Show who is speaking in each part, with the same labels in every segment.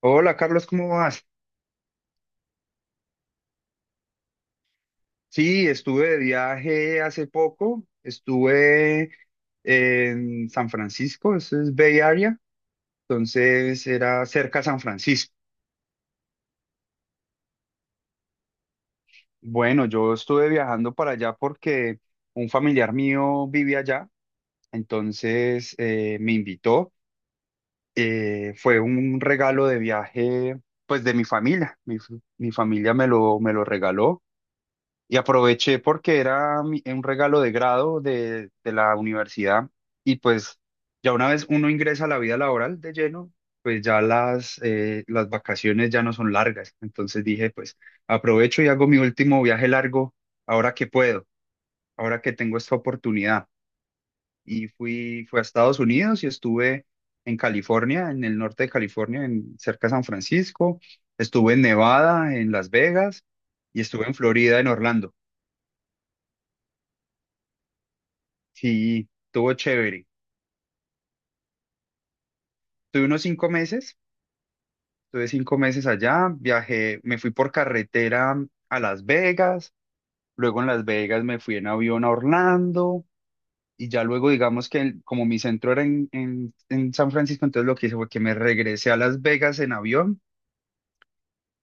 Speaker 1: Hola Carlos, ¿cómo vas? Sí, estuve de viaje hace poco, estuve en San Francisco, eso es Bay Area, entonces era cerca a San Francisco. Bueno, yo estuve viajando para allá porque un familiar mío vive allá, entonces me invitó, fue un regalo de viaje pues de mi familia, mi familia me lo regaló. Y aproveché porque era un regalo de grado de la universidad, y pues ya una vez uno ingresa a la vida laboral de lleno, pues ya las vacaciones ya no son largas. Entonces dije, pues aprovecho y hago mi último viaje largo ahora que puedo, ahora que tengo esta oportunidad. Y fui a Estados Unidos y estuve en California, en el norte de California, cerca de San Francisco. Estuve en Nevada, en Las Vegas, y estuve en Florida, en Orlando. Sí, estuvo chévere. Tuve unos 5 meses, tuve 5 meses allá, viajé, me fui por carretera a Las Vegas, luego en Las Vegas me fui en avión a Orlando, y ya luego digamos que como mi centro era en San Francisco, entonces lo que hice fue que me regresé a Las Vegas en avión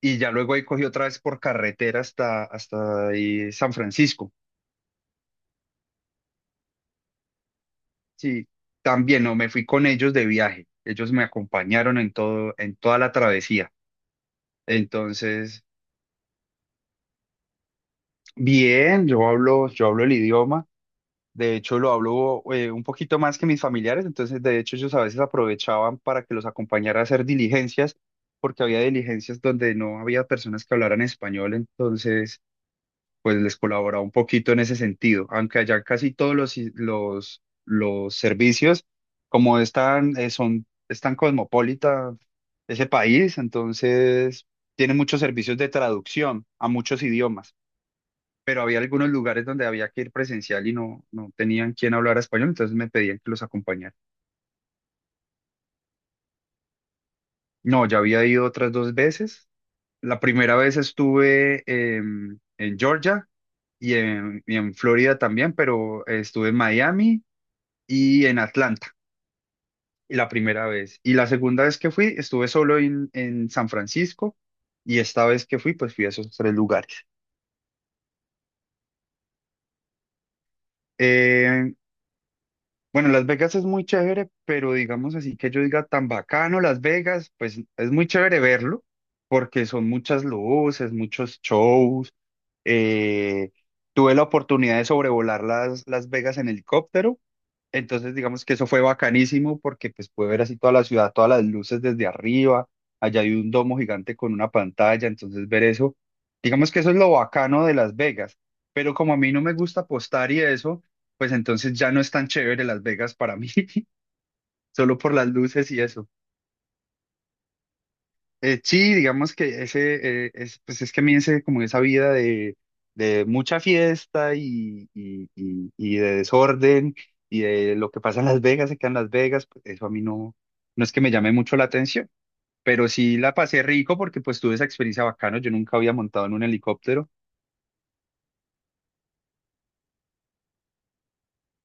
Speaker 1: y ya luego ahí cogí otra vez por carretera hasta ahí San Francisco. Sí, también no, me fui con ellos de viaje, ellos me acompañaron en todo, en toda la travesía. Entonces. Bien, yo hablo el idioma, de hecho lo hablo un poquito más que mis familiares, entonces de hecho ellos a veces aprovechaban para que los acompañara a hacer diligencias, porque había diligencias donde no había personas que hablaran español, entonces pues les colaboraba un poquito en ese sentido, aunque allá casi todos los servicios, como están, están cosmopolita ese país, entonces tienen muchos servicios de traducción a muchos idiomas, pero había algunos lugares donde había que ir presencial y no, no tenían quien hablar español, entonces me pedían que los acompañara. No, ya había ido otras dos veces. La primera vez estuve en Georgia y en Florida también, pero estuve en Miami y en Atlanta, la primera vez. Y la segunda vez que fui, estuve solo en San Francisco. Y esta vez que fui, pues fui a esos tres lugares. Eh, Bueno, Las Vegas es muy chévere, pero digamos así que yo diga tan bacano Las Vegas, pues es muy chévere verlo, porque son muchas luces, muchos shows. eh, Tuve la oportunidad de sobrevolar Las Vegas en helicóptero, entonces digamos que eso fue bacanísimo porque pues pude ver así toda la ciudad, todas las luces desde arriba. Allá hay un domo gigante con una pantalla, entonces ver eso, digamos que eso es lo bacano de Las Vegas, pero como a mí no me gusta apostar y eso, pues entonces ya no es tan chévere Las Vegas para mí, solo por las luces y eso. Sí, digamos que ese, es, pues es que a mí ese, como esa vida de mucha fiesta y de desorden y de lo que pasa en Las Vegas, se queda en Las Vegas, pues eso a mí no, no es que me llame mucho la atención, pero sí la pasé rico porque pues tuve esa experiencia bacano, yo nunca había montado en un helicóptero.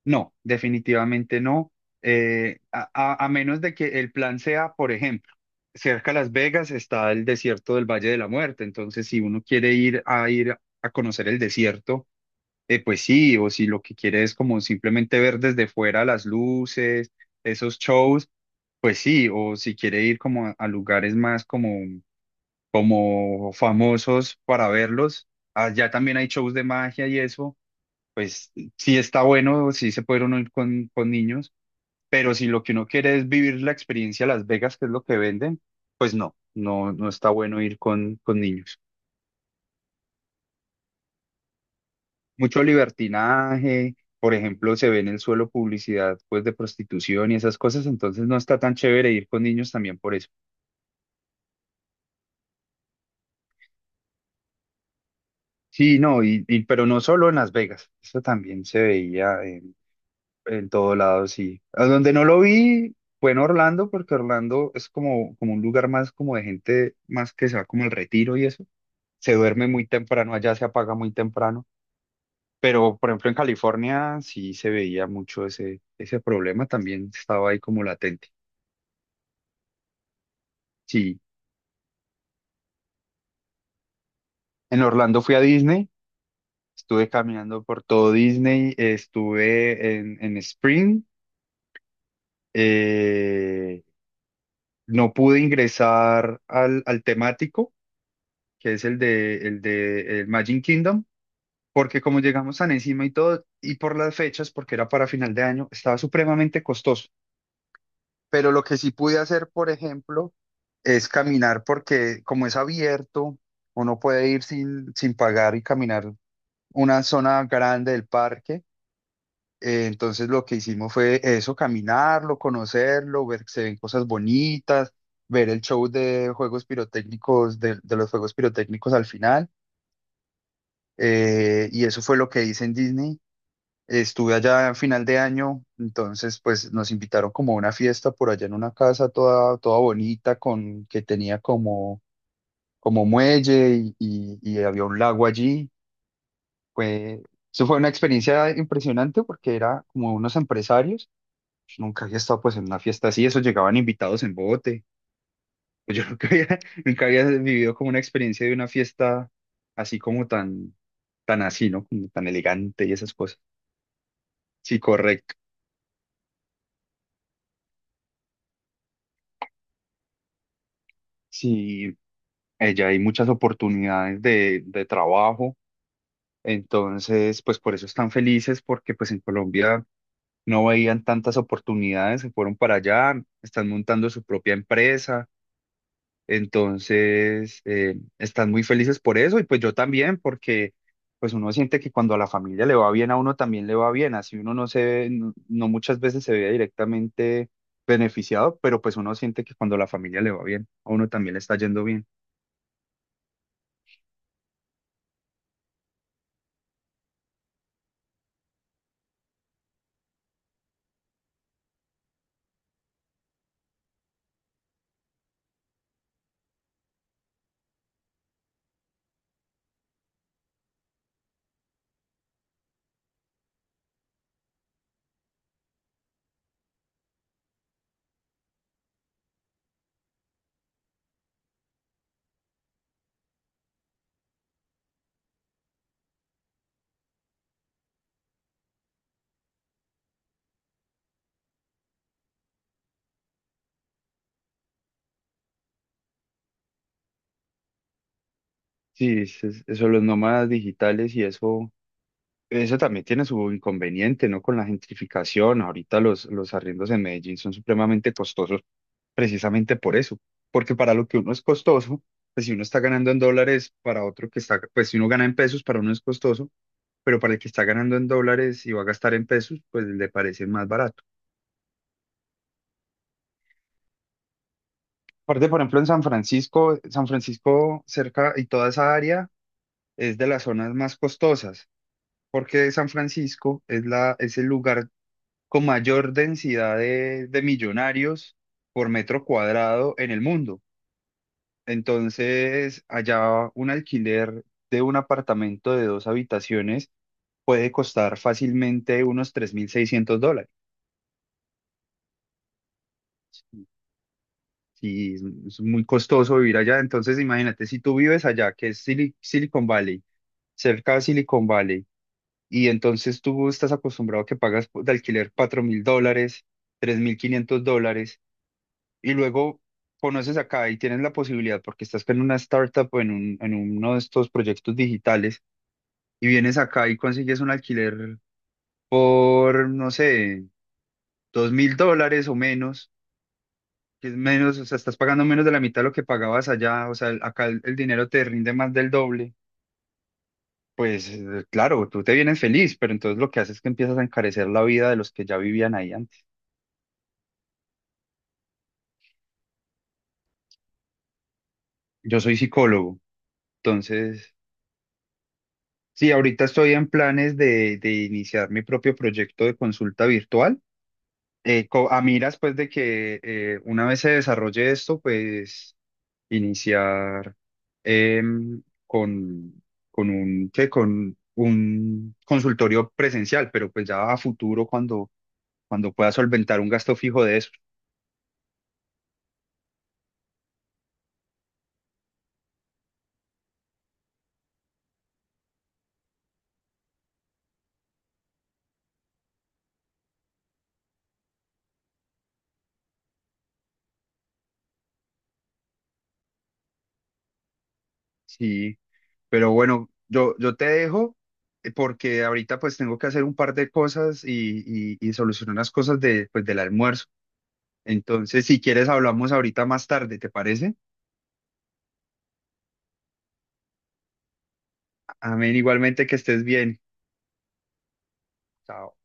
Speaker 1: No, definitivamente no. A menos de que el plan sea, por ejemplo, cerca a Las Vegas está el desierto del Valle de la Muerte. Entonces, si uno quiere ir a conocer el desierto, pues sí, o si lo que quiere es como simplemente ver desde fuera las luces, esos shows, pues sí, o si quiere ir como a lugares más como, como famosos para verlos, allá también hay shows de magia y eso, pues sí está bueno, sí se puede uno ir con niños, pero si lo que uno quiere es vivir la experiencia Las Vegas, que es lo que venden, pues no, no, no está bueno ir con niños. Mucho libertinaje, por ejemplo, se ve en el suelo publicidad pues de prostitución y esas cosas, entonces no está tan chévere ir con niños también por eso. Sí, no, pero no solo en Las Vegas, eso también se veía, en todo lado, sí. A donde no lo vi fue en Orlando, porque Orlando es como, como un lugar más como de gente más que se va como al retiro y eso. Se duerme muy temprano, allá se apaga muy temprano. Pero, por ejemplo, en California sí se veía mucho ese problema, también estaba ahí como latente. Sí. En Orlando fui a Disney, estuve caminando por todo Disney, estuve en Spring, eh, no pude ingresar al temático, que es el de el Magic Kingdom, porque como llegamos tan encima y todo, y por las fechas, porque era para final de año, estaba supremamente costoso. Pero lo que sí pude hacer, por ejemplo, es caminar, porque como es abierto, uno puede ir sin pagar y caminar una zona grande del parque. Entonces lo que hicimos fue eso, caminarlo, conocerlo, ver que se ven cosas bonitas, ver el show de juegos pirotécnicos, de los juegos pirotécnicos al final. Y eso fue lo que hice en Disney. Estuve allá a final de año, entonces pues nos invitaron como a una fiesta por allá en una casa toda, toda bonita con que tenía como, como muelle y había un lago allí. Fue, Eso fue una experiencia impresionante porque era como unos empresarios. Nunca había estado pues en una fiesta así, eso llegaban invitados en bote. Pues yo nunca había, nunca había vivido como una experiencia de una fiesta así como tan, tan así, ¿no? Como tan elegante y esas cosas. Sí, correcto. Sí, ella hay muchas oportunidades de trabajo, entonces, pues por eso están felices, porque pues en Colombia no veían tantas oportunidades, se fueron para allá, están montando su propia empresa, entonces están muy felices por eso, y pues yo también, porque pues uno siente que cuando a la familia le va bien, a uno también le va bien, así uno no se ve, no no muchas veces se ve directamente beneficiado, pero pues uno siente que cuando a la familia le va bien, a uno también le está yendo bien. Sí, eso, los nómadas digitales y eso también tiene su inconveniente, ¿no? Con la gentrificación, ahorita los arriendos en Medellín son supremamente costosos precisamente por eso, porque para lo que uno es costoso, pues si uno está ganando en dólares, para otro que está, pues si uno gana en pesos, para uno es costoso, pero para el que está ganando en dólares y va a gastar en pesos, pues le parece más barato. Aparte, por ejemplo, en San Francisco, San Francisco cerca y toda esa área es de las zonas más costosas, porque San Francisco es el lugar con mayor densidad de millonarios por metro cuadrado en el mundo. Entonces, allá un alquiler de un apartamento de dos habitaciones puede costar fácilmente unos $3,600. Y es muy costoso vivir allá. Entonces, imagínate, si tú vives allá, que es Silicon Valley, cerca de Silicon Valley, y entonces tú estás acostumbrado a que pagas de alquiler $4,000, $3,500, y luego conoces acá y tienes la posibilidad, porque estás en una startup o en en uno de estos proyectos digitales, y vienes acá y consigues un alquiler por, no sé, $2,000 o menos, que es menos, o sea, estás pagando menos de la mitad de lo que pagabas allá, o sea, acá el dinero te rinde más del doble. Pues claro, tú te vienes feliz, pero entonces lo que haces es que empiezas a encarecer la vida de los que ya vivían ahí antes. Yo soy psicólogo, entonces, sí, ahorita estoy en planes de iniciar mi propio proyecto de consulta virtual. A miras, pues, de que una vez se desarrolle esto, pues, iniciar em, con, ¿qué? Con un consultorio presencial, pero pues ya a futuro cuando, pueda solventar un gasto fijo de eso. Sí. Pero bueno, yo te dejo, porque ahorita pues tengo que hacer un par de cosas y solucionar las cosas de, pues, del almuerzo. Entonces, si quieres, hablamos ahorita más tarde, ¿te parece? Amén, igualmente que estés bien. Chao.